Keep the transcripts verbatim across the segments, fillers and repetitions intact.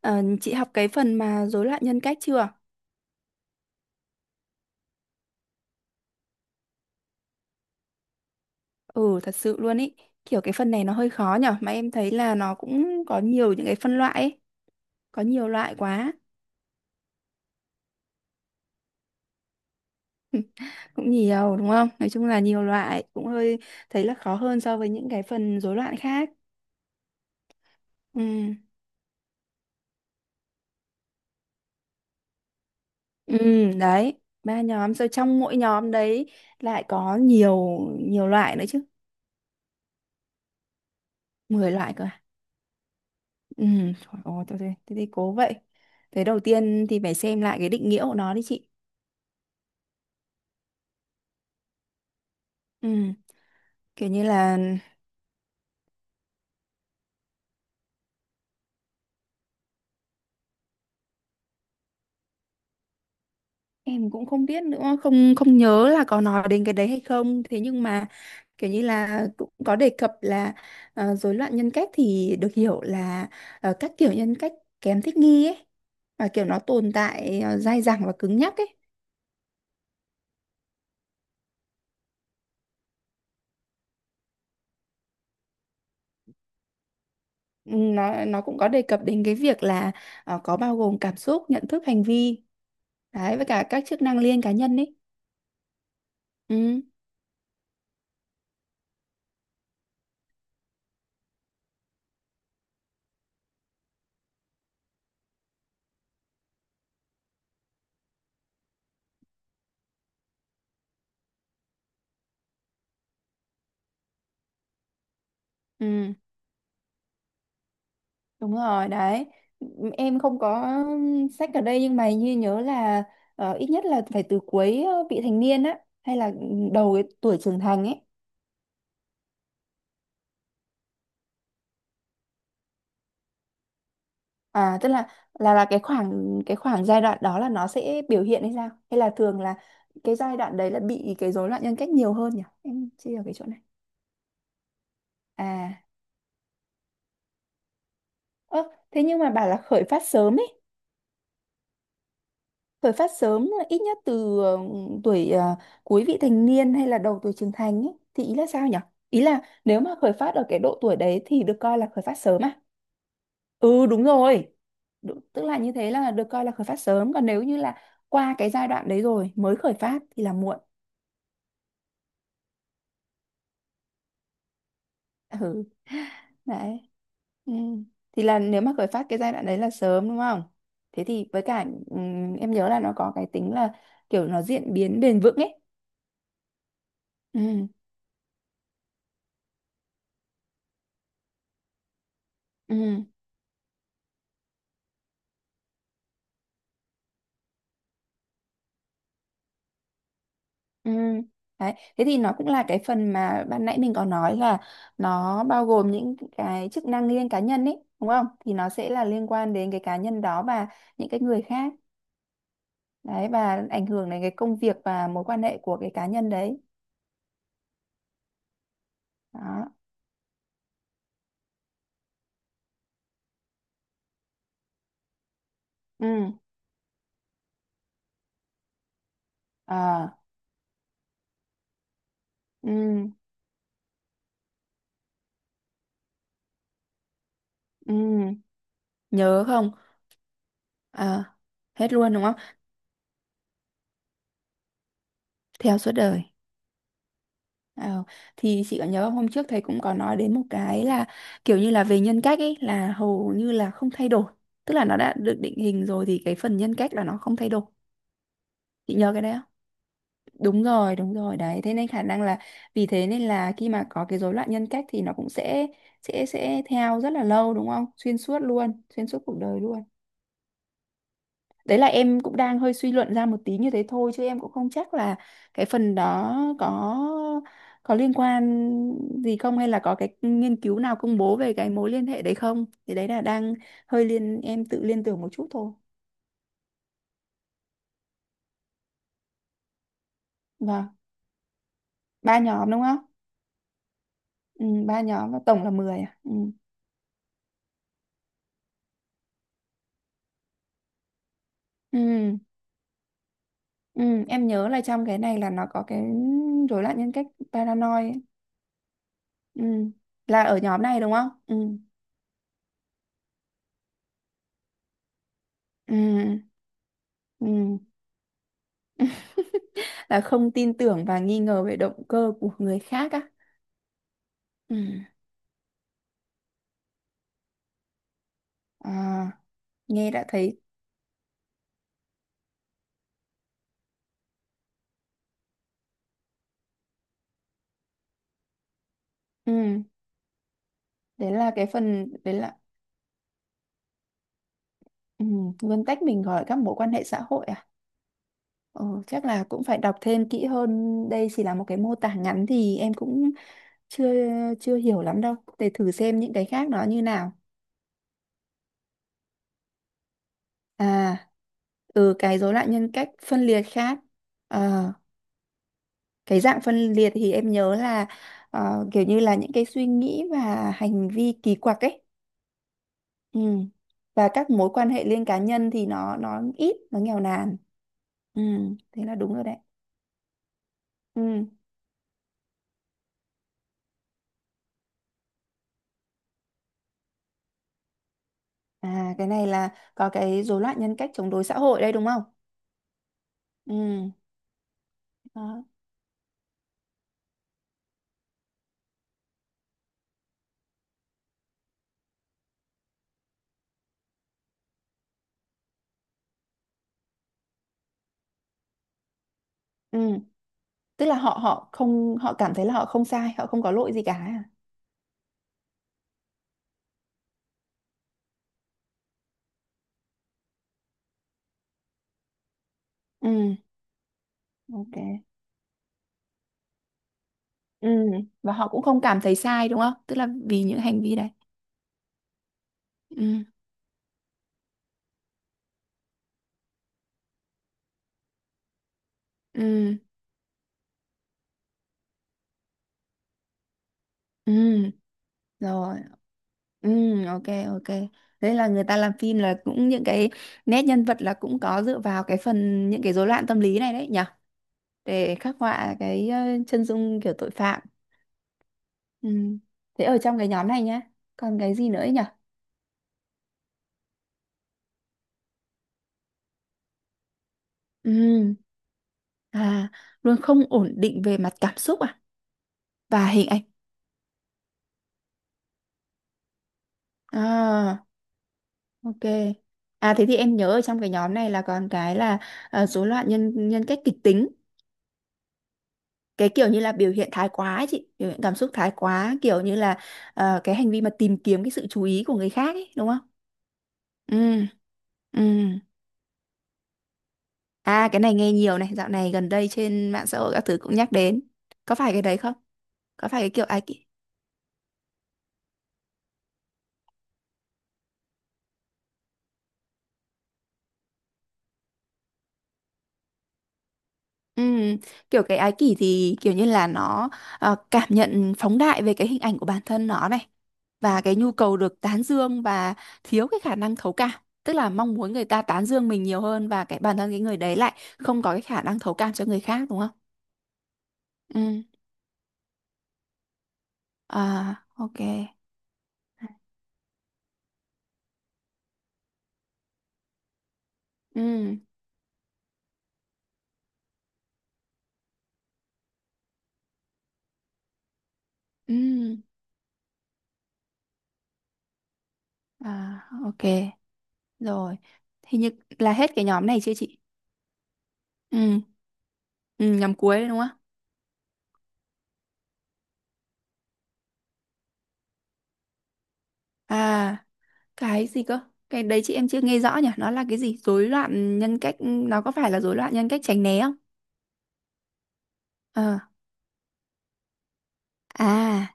Ờ, chị học cái phần mà rối loạn nhân cách chưa? Ừ, thật sự luôn ý. Kiểu cái phần này nó hơi khó nhở, mà em thấy là nó cũng có nhiều những cái phân loại ấy, có nhiều loại quá. Cũng nhiều đúng không? Nói chung là nhiều loại, cũng hơi thấy là khó hơn so với những cái phần rối loạn khác. Ừ. Ừ, đấy, ba nhóm rồi trong mỗi nhóm đấy lại có nhiều nhiều loại nữa chứ. Mười loại cơ à? Ừ, trời ơi, thế thì thế thì cố vậy. Thế đầu tiên thì phải xem lại cái định nghĩa của nó đi chị. Ừ. Kiểu như là em cũng không biết nữa, không không nhớ là có nói đến cái đấy hay không, thế nhưng mà kiểu như là cũng có đề cập là ờ, rối loạn nhân cách thì được hiểu là ờ, các kiểu nhân cách kém thích nghi ấy, và kiểu nó tồn tại ờ, dai dẳng và cứng nhắc ấy. Ừ, nó nó cũng có đề cập đến cái việc là ờ, có bao gồm cảm xúc, nhận thức, hành vi đấy, với cả các chức năng liên cá nhân ấy. Ừ, ừ. Đúng rồi đấy, em không có sách ở đây nhưng mà như nhớ là ờ, ít nhất là phải từ cuối ờ, vị thành niên á, hay là đầu cái tuổi trưởng thành ấy. À tức là là là cái khoảng cái khoảng giai đoạn đó là nó sẽ biểu hiện hay sao, hay là thường là cái giai đoạn đấy là bị cái rối loạn nhân cách nhiều hơn nhỉ, em chia ở cái chỗ này. À, ơ thế nhưng mà bảo là khởi phát sớm ấy, khởi phát sớm là ít nhất từ ờ, tuổi ờ, cuối vị thành niên hay là đầu tuổi trưởng thành ấy, thì ý là sao nhỉ? Ý là nếu mà khởi phát ở cái độ tuổi đấy thì được coi là khởi phát sớm à? Ừ đúng rồi. Đú- tức là như thế là được coi là khởi phát sớm, còn nếu như là qua cái giai đoạn đấy rồi mới khởi phát thì là muộn. Ừ. Đấy. Ừ. Thì là nếu mà khởi phát cái giai đoạn đấy là sớm đúng không? Thế thì với cả ừm, em nhớ là nó có cái tính là kiểu nó diễn biến bền vững ấy. Ừ. Ừ. Ừ. Đấy. Thế thì nó cũng là cái phần mà ban nãy mình có nói là nó bao gồm những cái chức năng riêng cá nhân ấy, đúng không? Thì nó sẽ là liên quan đến cái cá nhân đó và những cái người khác. Đấy, và ảnh hưởng đến cái công việc và mối quan hệ của cái cá nhân đấy. Đó. Ừ. À. Ừ. Ừ. Nhớ không? À. Hết luôn đúng không? Theo suốt đời. Ờ, thì chị có nhớ không? Hôm trước thầy cũng có nói đến một cái là kiểu như là về nhân cách ấy là hầu như là không thay đổi, tức là nó đã được định hình rồi thì cái phần nhân cách là nó không thay đổi, chị nhớ cái đấy không? Đúng rồi, đúng rồi đấy, thế nên khả năng là vì thế nên là khi mà có cái rối loạn nhân cách thì nó cũng sẽ, sẽ sẽ theo rất là lâu đúng không, xuyên suốt luôn, xuyên suốt cuộc đời luôn. Đấy là em cũng đang hơi suy luận ra một tí như thế thôi, chứ em cũng không chắc là cái phần đó có có liên quan gì không, hay là có cái nghiên cứu nào công bố về cái mối liên hệ đấy không? Thì đấy là đang hơi liên em tự liên tưởng một chút thôi. Vâng, ba nhóm đúng không? Ừ, ba nhóm và tổng là mười à? Ừ. Ừ. Ừ, em nhớ là trong cái này là nó có cái rối loạn nhân cách paranoid ấy. Ừ. Là ở nhóm này đúng không? Ừ. Ừ. Ừ. Là không tin tưởng và nghi ngờ về động cơ của người khác á. Ừ. À, nghe đã thấy. Ừ. Đấy là cái phần đấy là ừ, nguyên tắc mình gọi các mối quan hệ xã hội à. Ừ. Chắc là cũng phải đọc thêm kỹ hơn, đây chỉ là một cái mô tả ngắn thì em cũng chưa chưa hiểu lắm đâu, để thử xem những cái khác nó như nào. À ừ, cái rối loạn nhân cách phân liệt khác. Ờ, cái dạng phân liệt thì em nhớ là ờ, kiểu như là những cái suy nghĩ và hành vi kỳ quặc ấy. Ừ. Và các mối quan hệ liên cá nhân thì nó nó ít, nó nghèo nàn. Ừ. Thế là đúng rồi đấy. Ừ. À cái này là có cái rối loạn nhân cách chống đối xã hội đây đúng không. Ừ. Đó. Ừ. Tức là họ họ không, họ cảm thấy là họ không sai, họ không có lỗi gì cả à? Ừ. Ok. Ừ. Và họ cũng không cảm thấy sai đúng không, tức là vì những hành vi đấy. Ừ. Ừ. Ừ. Rồi. Ừ, ok, ok, thế là người ta làm phim là cũng những cái nét nhân vật là cũng có dựa vào cái phần những cái rối loạn tâm lý này đấy nhỉ, để khắc họa cái ờ, chân dung kiểu tội phạm. Ừ. Thế ở trong cái nhóm này nhá, còn cái gì nữa nhỉ. Ừ. À, luôn không ổn định về mặt cảm xúc à, và hình ảnh. À, ok. À thế thì em nhớ ở trong cái nhóm này là còn cái là ờ, rối loạn nhân nhân cách kịch tính, cái kiểu như là biểu hiện thái quá ấy chị, biểu hiện cảm xúc thái quá, kiểu như là ờ, cái hành vi mà tìm kiếm cái sự chú ý của người khác ấy đúng không. Ừ. Ừ. À cái này nghe nhiều này, dạo này gần đây trên mạng xã hội các thứ cũng nhắc đến, có phải cái đấy không, có phải cái kiểu ai. Ừm, kiểu cái ái kỷ thì kiểu như là nó ờ, cảm nhận phóng đại về cái hình ảnh của bản thân nó này, và cái nhu cầu được tán dương, và thiếu cái khả năng thấu cảm, tức là mong muốn người ta tán dương mình nhiều hơn, và cái bản thân cái người đấy lại không có cái khả năng thấu cảm cho người khác đúng không? Ừ. À ok. Ừ. Ừ. À ok. Rồi. Thì như là hết cái nhóm này chưa chị? Ừ. Ừ, nhóm cuối đấy đúng không? À. Cái gì cơ? Cái đấy chị em chưa nghe rõ nhỉ? Nó là cái gì? Rối loạn nhân cách, nó có phải là rối loạn nhân cách tránh né không? Ờ. À,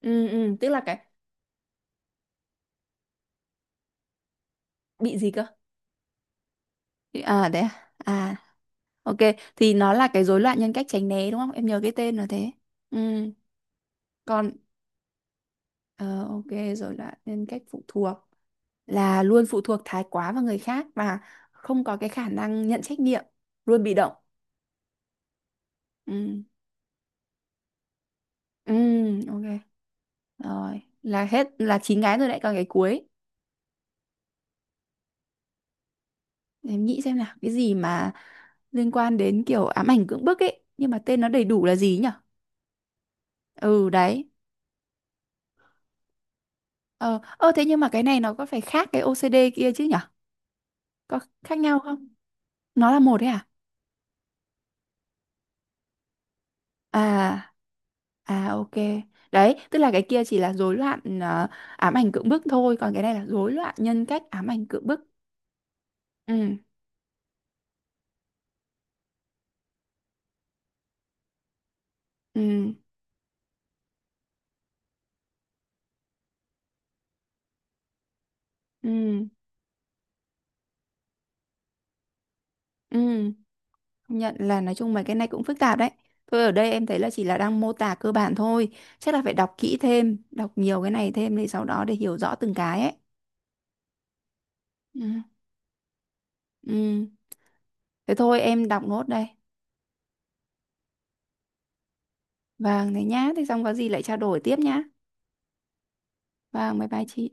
ừ, ừ, tức là cái bị gì cơ? À, đấy à? À, ok. Thì nó là cái rối loạn nhân cách tránh né đúng không? Em nhớ cái tên là thế. Ừ, còn, ờ, ok, rối loạn nhân cách phụ thuộc là luôn phụ thuộc thái quá vào người khác và không có cái khả năng nhận trách nhiệm, luôn bị động. Ừ, ừ, ok. Rồi, là hết, là chín cái rồi đấy, còn cái cuối. Để Em nghĩ xem là cái gì mà liên quan đến kiểu ám ảnh cưỡng bức ấy, nhưng mà tên nó đầy đủ là gì nhỉ? Ừ đấy. Ờ, ờ thế nhưng mà cái này nó có phải khác cái ô xê đê kia chứ nhỉ? Có khác nhau không? Nó là một đấy à? À, à ok. Đấy, tức là cái kia chỉ là rối loạn ờ, ám ảnh cưỡng bức thôi, còn cái này là rối loạn nhân cách ám ảnh cưỡng bức. Ừ, ừ, ừ, ừ. Công nhận là nói chung mấy cái này cũng phức tạp đấy. Thôi ở đây em thấy là chỉ là đang mô tả cơ bản thôi. Chắc là phải đọc kỹ thêm, đọc nhiều cái này thêm để sau đó để hiểu rõ từng cái ấy. Ừ. Ừ. Thế thôi em đọc nốt đây. Vâng, thế nhá. Thế xong có gì lại trao đổi tiếp nhá. Vâng, bye bye chị.